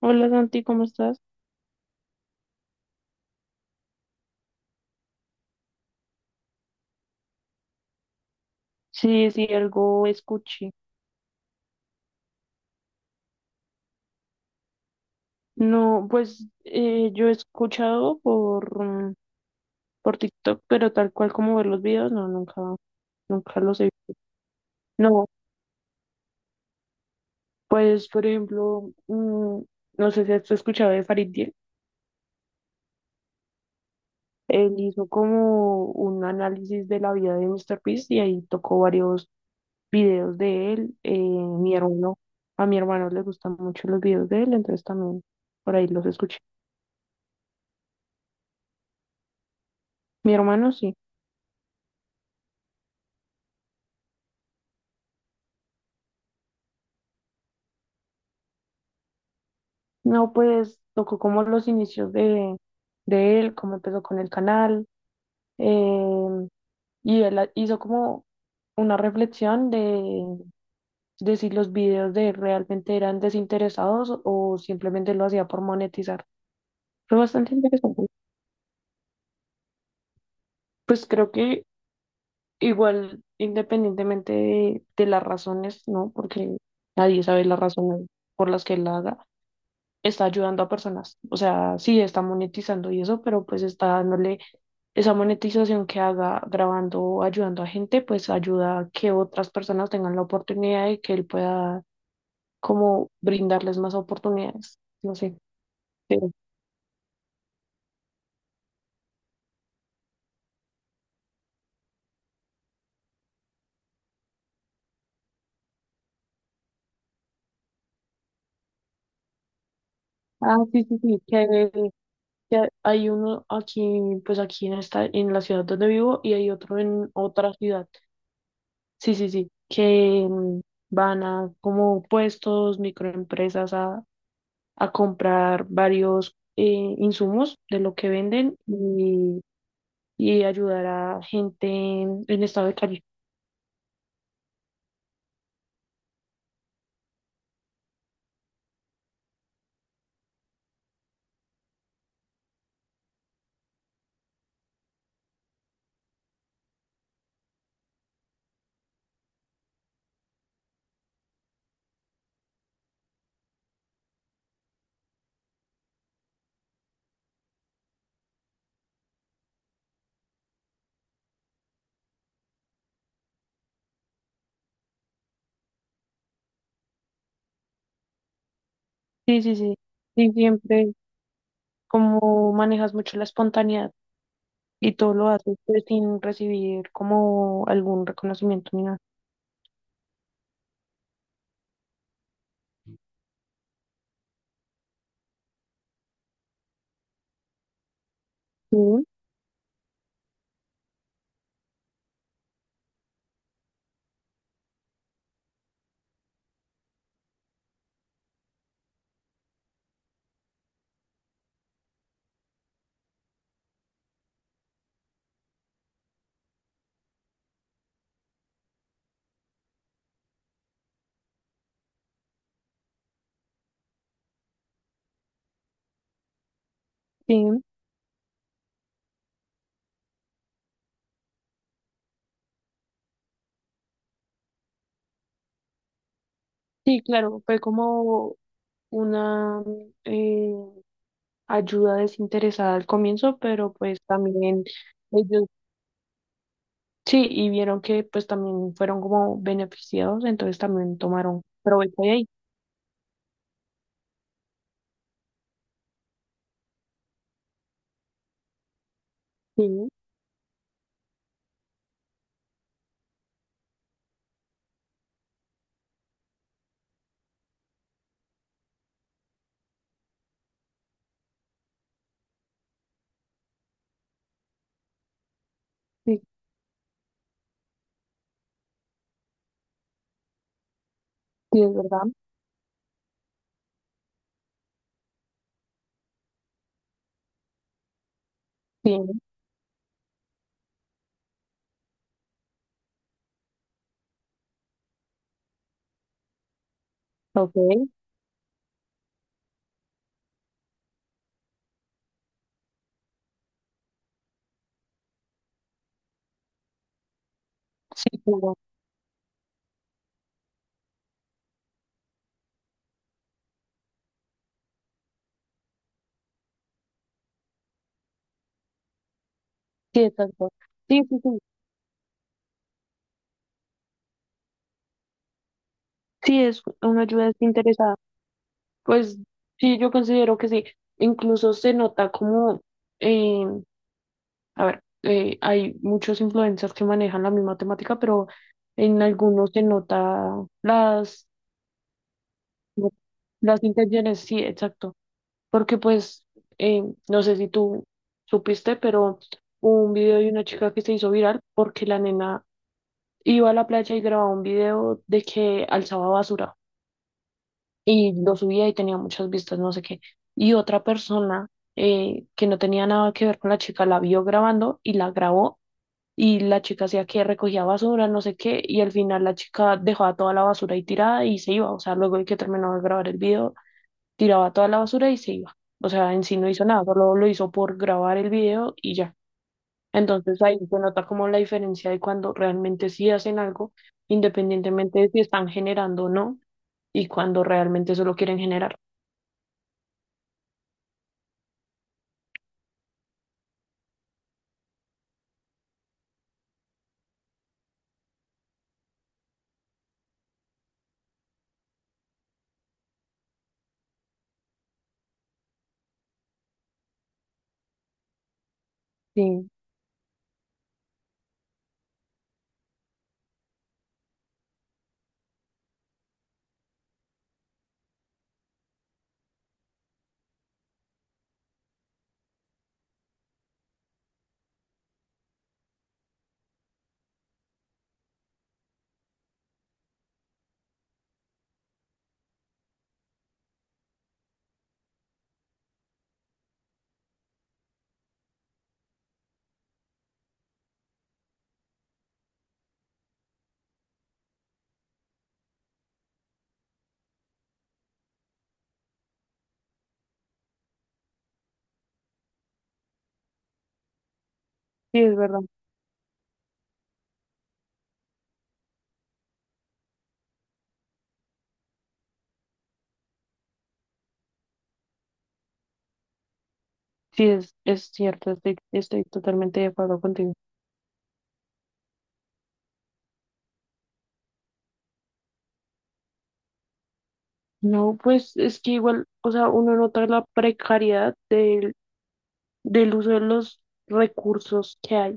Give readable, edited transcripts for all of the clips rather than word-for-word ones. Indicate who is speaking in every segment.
Speaker 1: Hola Santi, ¿cómo estás? Sí, sí, algo escuché. No, pues yo he escuchado por TikTok, pero tal cual como ver los videos, no, nunca, nunca los he visto. No, pues por ejemplo, no sé si has escuchado de Farid Dieck. Él hizo como un análisis de la vida de Mr. Beast y ahí tocó varios videos de él. A mi hermano le gustan mucho los videos de él, entonces también por ahí los escuché. Mi hermano sí. No, pues tocó como los inicios de él, cómo empezó con el canal, em, y hizo como una reflexión de si los videos de él realmente eran desinteresados o simplemente lo hacía por monetizar. Fue bastante interesante. Pues creo que igual, independientemente de las razones, ¿no? Porque nadie sabe las razones por las que él la haga, está ayudando a personas. O sea, sí, está monetizando y eso, pero pues está dándole esa monetización que haga grabando o ayudando a gente, pues ayuda a que otras personas tengan la oportunidad y que él pueda como brindarles más oportunidades. No sé. pero- ah, sí, sí, sí, que hay uno aquí, pues aquí en esta, en la ciudad donde vivo y hay otro en otra ciudad. Sí, sí, sí, que van a como puestos, microempresas a comprar varios insumos de lo que venden y ayudar a gente en estado de calle. Sí, sí, sí. Y siempre como manejas mucho la espontaneidad y todo lo haces pues, sin recibir como algún reconocimiento ni nada. Sí, sí, sí, claro, fue como una eh, ayuda desinteresada al comienzo, pero pues también ellos. Sí, y vieron que pues también fueron como beneficiados, entonces también tomaron provecho de ahí. Sí, sí, sí, es verdad. Bien, ok. Sí, claro. Sí, exacto. Sí, sí, sí. Sí, es una ayuda desinteresada. Pues sí, yo considero que sí. Incluso se nota como, eh, a ver, hay muchos influencers que manejan la misma temática, pero en algunos se nota las, las intenciones, sí, exacto. Porque pues, eh, no sé si tú supiste, pero hubo un video de una chica que se hizo viral porque la nena iba a la playa y grababa un video de que alzaba basura y lo subía y tenía muchas vistas, no sé qué. Y otra persona que no tenía nada que ver con la chica la vio grabando y la grabó y la chica hacía que recogía basura, no sé qué, y al final la chica dejaba toda la basura ahí tirada y se iba. O sea, luego de que terminó de grabar el video, tiraba toda la basura y se iba. O sea, en sí no hizo nada, solo lo hizo por grabar el video y ya. Entonces ahí se nota como la diferencia de cuando realmente sí hacen algo, independientemente de si están generando o no, y cuando realmente solo quieren generar. Sí, sí, es verdad. Sí, es cierto, estoy, estoy totalmente de acuerdo contigo. No, pues es que igual, o sea, uno nota la precariedad del uso de los recursos que hay.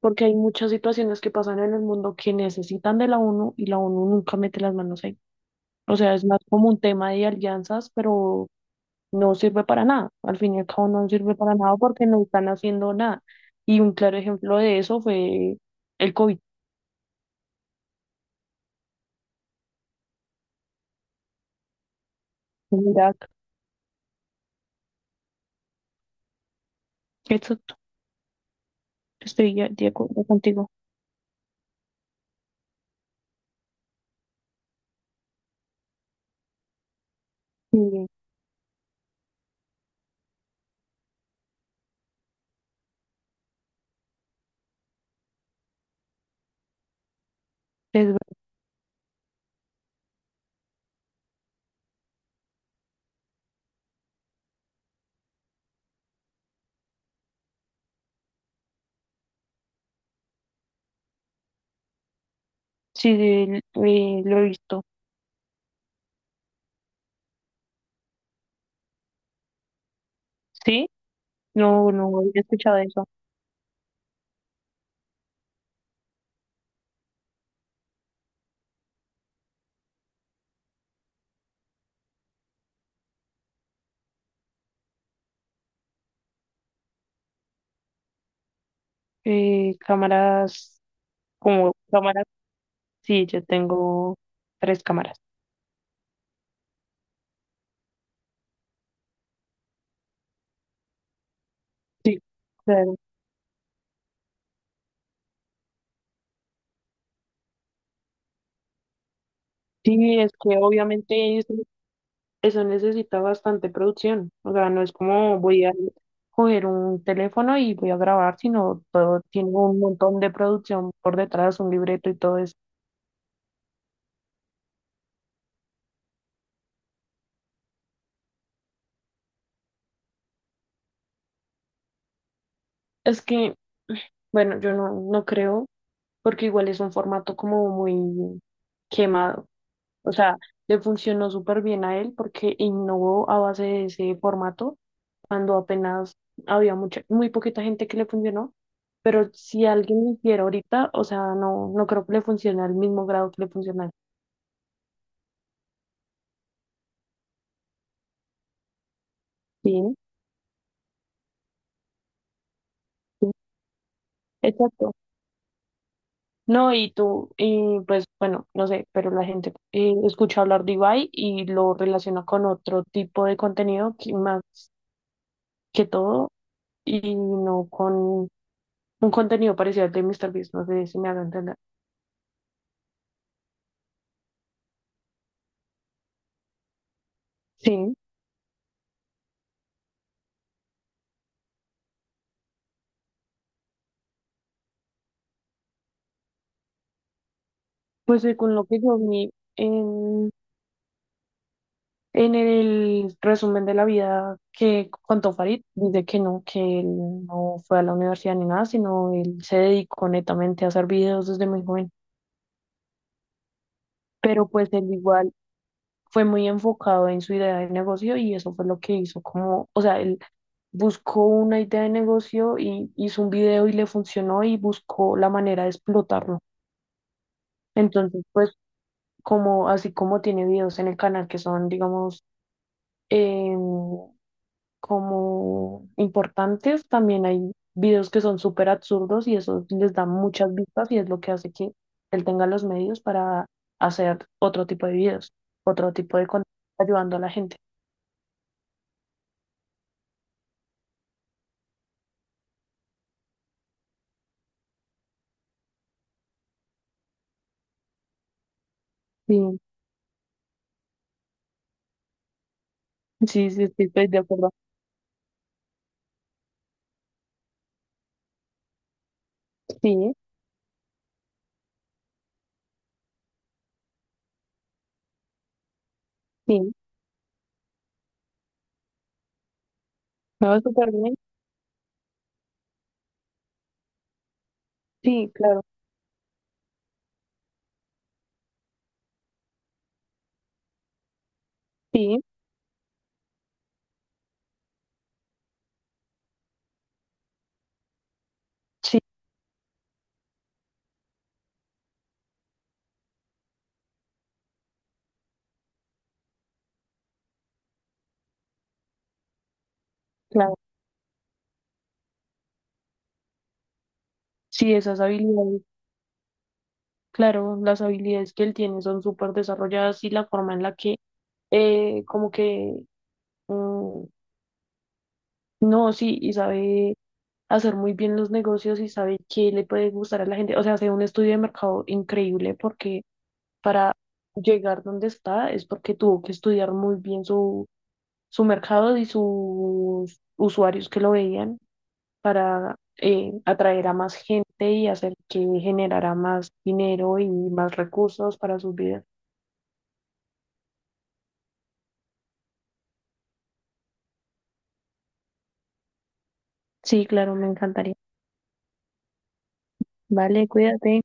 Speaker 1: Porque hay muchas situaciones que pasan en el mundo que necesitan de la ONU y la ONU nunca mete las manos ahí. O sea, es más como un tema de alianzas, pero no sirve para nada. Al fin y al cabo no sirve para nada porque no están haciendo nada. Y un claro ejemplo de eso fue el COVID en Irak. Exacto, de acuerdo contigo. Sí, es ver- sí, lo he visto. ¿Sí? No, no he escuchado eso. Eh, cámaras, como cámaras, sí, yo tengo tres cámaras. Sí, claro. Sí, es que obviamente eso, eso necesita bastante producción. O sea, no es como voy a coger un teléfono y voy a grabar, sino todo tiene un montón de producción por detrás, un libreto y todo eso. Es que, bueno, yo no, no creo, porque igual es un formato como muy quemado. O sea, le funcionó súper bien a él porque innovó a base de ese formato cuando apenas había mucha, muy poquita gente que le funcionó, pero si alguien lo hiciera ahorita, o sea, no, no creo que le funcione al mismo grado que le funciona. Bien, sí, exacto. No, y tú, y pues bueno, no sé, pero la gente escucha hablar de Ibai y lo relaciona con otro tipo de contenido que más que todo y no con un contenido parecido al de MrBeast, no sé si me hago entender. Sí, pues según lo que yo vi en el resumen de la vida que contó Farid, dice que no, que él no fue a la universidad ni nada, sino él se dedicó netamente a hacer videos desde muy joven. Pero pues él igual fue muy enfocado en su idea de negocio y eso fue lo que hizo como, o sea, él buscó una idea de negocio y hizo un video y le funcionó y buscó la manera de explotarlo. Entonces, pues como así como tiene videos en el canal que son, digamos, em, como importantes. También hay videos que son súper absurdos y eso les da muchas vistas y es lo que hace que él tenga los medios para hacer otro tipo de videos, otro tipo de contenido ayudando a la gente. Sí, sí, sí, sí, estoy de acuerdo. Sí, sí, me va súper bien. Sí, claro, sí, sí, claro. Sí, esas habilidades, claro, las habilidades que él tiene son súper desarrolladas y la forma en la que, como que, mm, no, sí, y sabe hacer muy bien los negocios y sabe qué le puede gustar a la gente. O sea, hace un estudio de mercado increíble porque para llegar donde está es porque tuvo que estudiar muy bien su mercado y sus usuarios que lo veían para atraer a más gente y hacer que generara más dinero y más recursos para sus vidas. Sí, claro, me encantaría. Vale, cuídate.